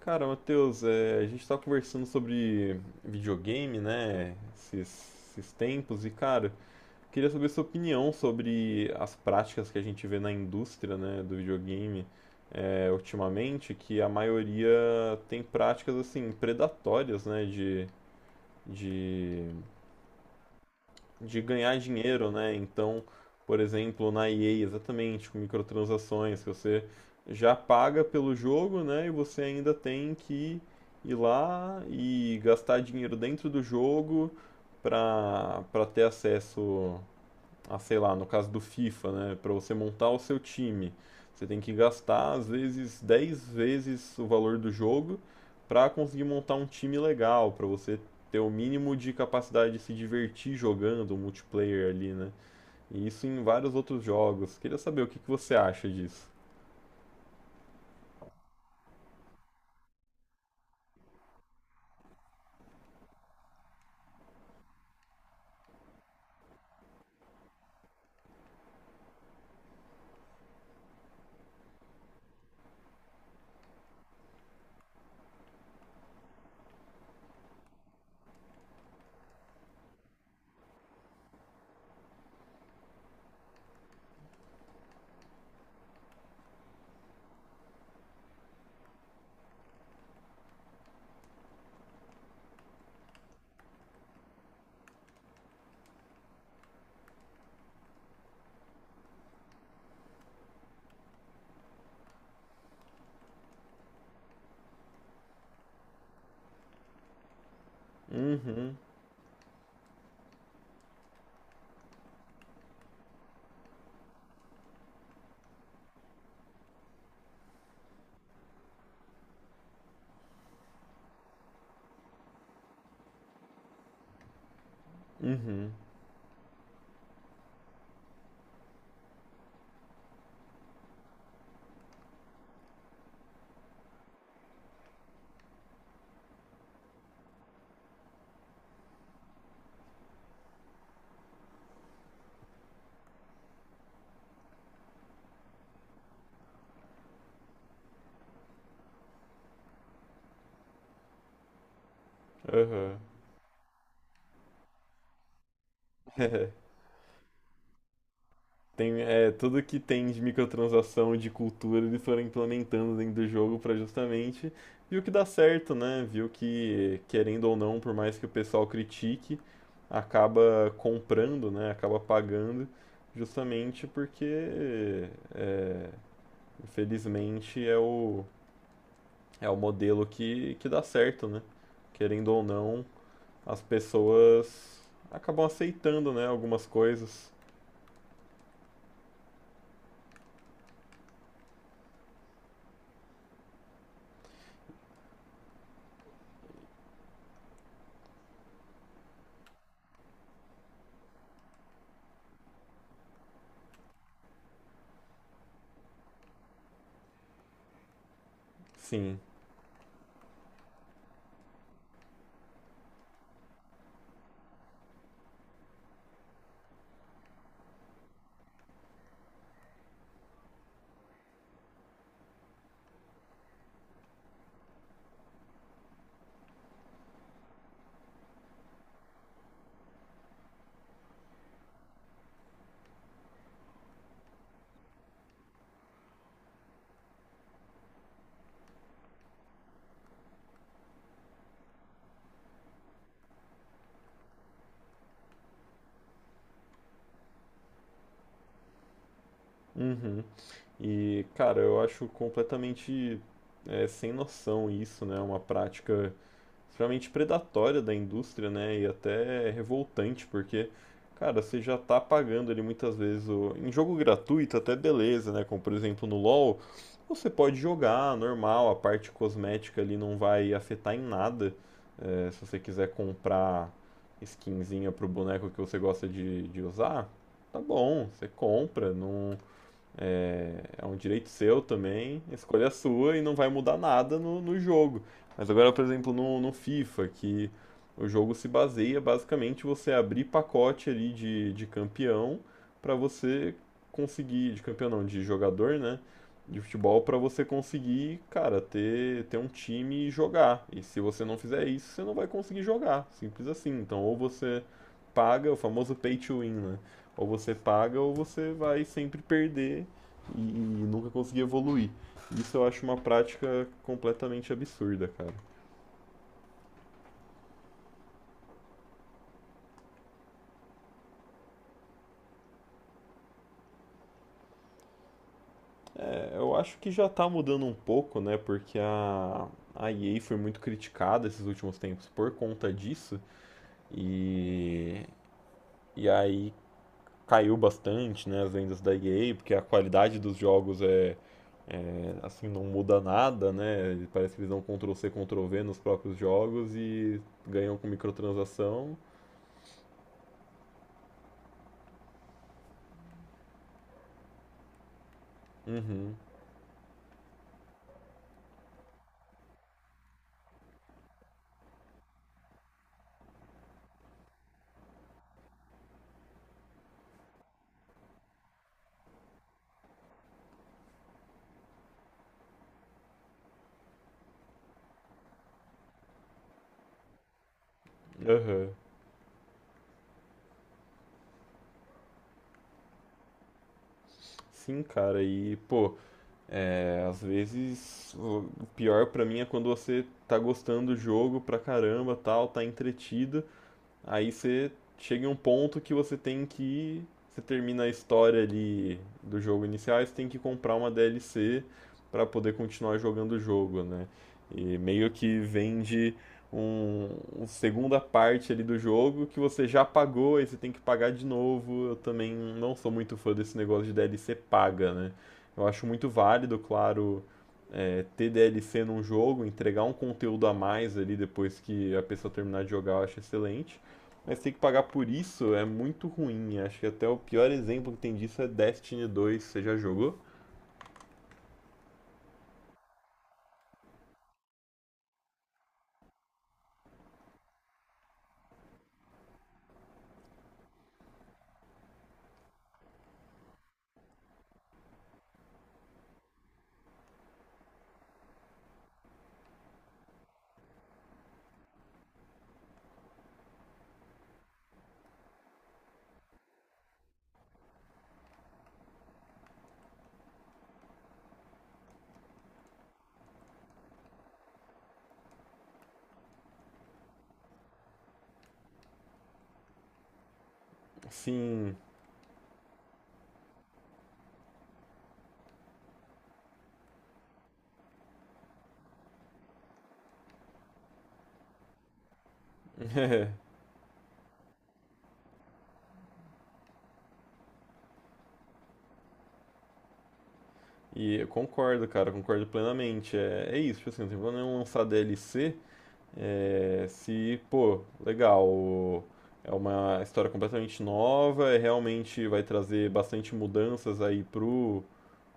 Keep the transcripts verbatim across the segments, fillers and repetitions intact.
Cara, Matheus, é, a gente tá conversando sobre videogame, né? Esses, esses tempos, e cara, queria saber sua opinião sobre as práticas que a gente vê na indústria, né, do videogame, é, ultimamente, que a maioria tem práticas assim, predatórias, né? De, de de ganhar dinheiro, né? Então, por exemplo, na E A, exatamente, com microtransações, que você já paga pelo jogo, né? E você ainda tem que ir lá e gastar dinheiro dentro do jogo para para ter acesso a sei lá, no caso do FIFA, né? Para você montar o seu time, você tem que gastar às vezes dez vezes o valor do jogo para conseguir montar um time legal, para você ter o mínimo de capacidade de se divertir jogando o multiplayer ali, né? E isso em vários outros jogos. Queria saber o que que você acha disso. Uhum, uhum, aham. Tem, é, tudo que tem de microtransação, de cultura, eles foram implementando dentro do jogo pra justamente viu que dá certo, né? Viu que, querendo ou não, por mais que o pessoal critique, acaba comprando, né? Acaba pagando, justamente porque, é, infelizmente, é o, é o modelo que, que dá certo, né? Querendo ou não, as pessoas acabam aceitando, né? Algumas coisas. Sim. Uhum. E, cara, eu acho completamente é, sem noção isso, né? É uma prática extremamente predatória da indústria, né? E até revoltante, porque, cara, você já tá pagando ali muitas vezes o... em jogo gratuito, até beleza, né? Como por exemplo no LoL, você pode jogar normal, a parte cosmética ali não vai afetar em nada. É, se você quiser comprar skinzinha pro boneco que você gosta de, de usar, tá bom, você compra, não é um direito seu também, escolha sua e não vai mudar nada no, no jogo. Mas agora, por exemplo, no, no FIFA, que o jogo se baseia basicamente você abrir pacote ali de, de campeão para você conseguir, de campeão não, de jogador, né? De futebol para você conseguir, cara, ter, ter um time e jogar. E se você não fizer isso, você não vai conseguir jogar. Simples assim. Então, ou você paga, o famoso pay to win, né? Ou você paga ou você vai sempre perder e, e nunca consegui evoluir. Isso eu acho uma prática completamente absurda, cara. É, eu acho que já tá mudando um pouco, né? Porque a, a E A foi muito criticada esses últimos tempos por conta disso. E, e aí caiu bastante, né? As vendas da E A, porque a qualidade dos jogos é, é, assim, não muda nada, né? Parece que eles dão Ctrl-C, Ctrl-V nos próprios jogos e ganham com microtransação. Uhum, aham. Sim, cara, e pô. É, às vezes, o pior pra mim é quando você tá gostando do jogo pra caramba, tal, tá entretido. Aí você chega em um ponto que você tem que. Você termina a história ali do jogo inicial, e você tem que comprar uma D L C para poder continuar jogando o jogo, né? E meio que vende um, uma segunda parte ali do jogo que você já pagou e você tem que pagar de novo. Eu também não sou muito fã desse negócio de D L C paga, né? Eu acho muito válido, claro, é, ter D L C num jogo, entregar um conteúdo a mais ali depois que a pessoa terminar de jogar, eu acho excelente. Mas ter que pagar por isso é muito ruim. Acho que até o pior exemplo que tem disso é Destiny dois. Você já jogou? Sim. E eu concordo, cara, concordo plenamente. É, é isso, tipo assim, não tem problema nenhum lançar D L C. É, se, pô, legal, é uma história completamente nova, é, realmente vai trazer bastante mudanças aí pro,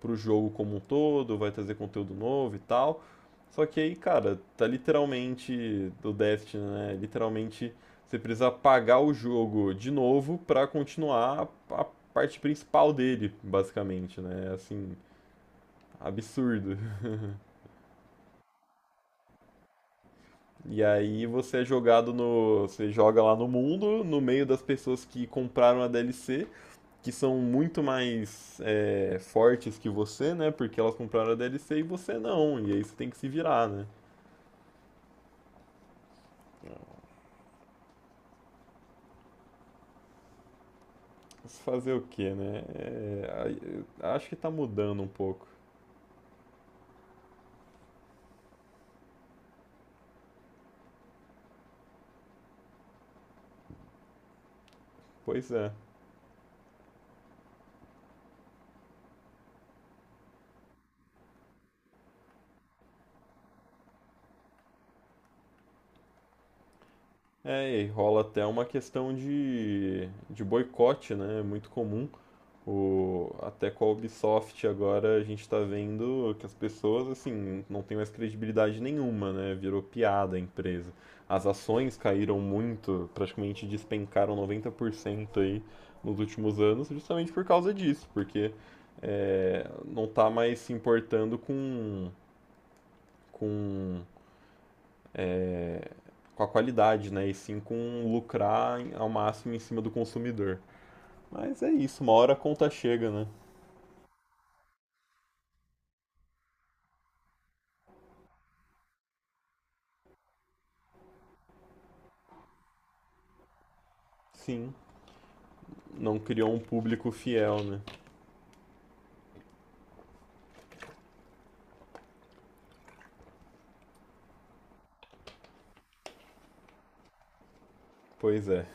para o jogo como um todo, vai trazer conteúdo novo e tal. Só que aí, cara, tá literalmente do Destiny, né? Literalmente você precisa pagar o jogo de novo para continuar a parte principal dele, basicamente, né? Assim, absurdo. E aí você é jogado no, você joga lá no mundo, no meio das pessoas que compraram a D L C, que são muito mais é, fortes que você, né? Porque elas compraram a D L C e você não. E aí você tem que se virar, né? Mas fazer o quê, né? É, a- acho que tá mudando um pouco. Pois é. É, e rola até uma questão de, de boicote, né? É muito comum. O, até com a Ubisoft agora a gente tá vendo que as pessoas, assim, não tem mais credibilidade nenhuma, né? Virou piada a empresa. As ações caíram muito, praticamente despencaram noventa por cento aí nos últimos anos, justamente por causa disso, porque é, não tá mais se importando com com, com a qualidade, né? E sim com lucrar ao máximo em cima do consumidor. Mas é isso, uma hora a conta chega, né? Sim, não criou um público fiel, né? Pois é.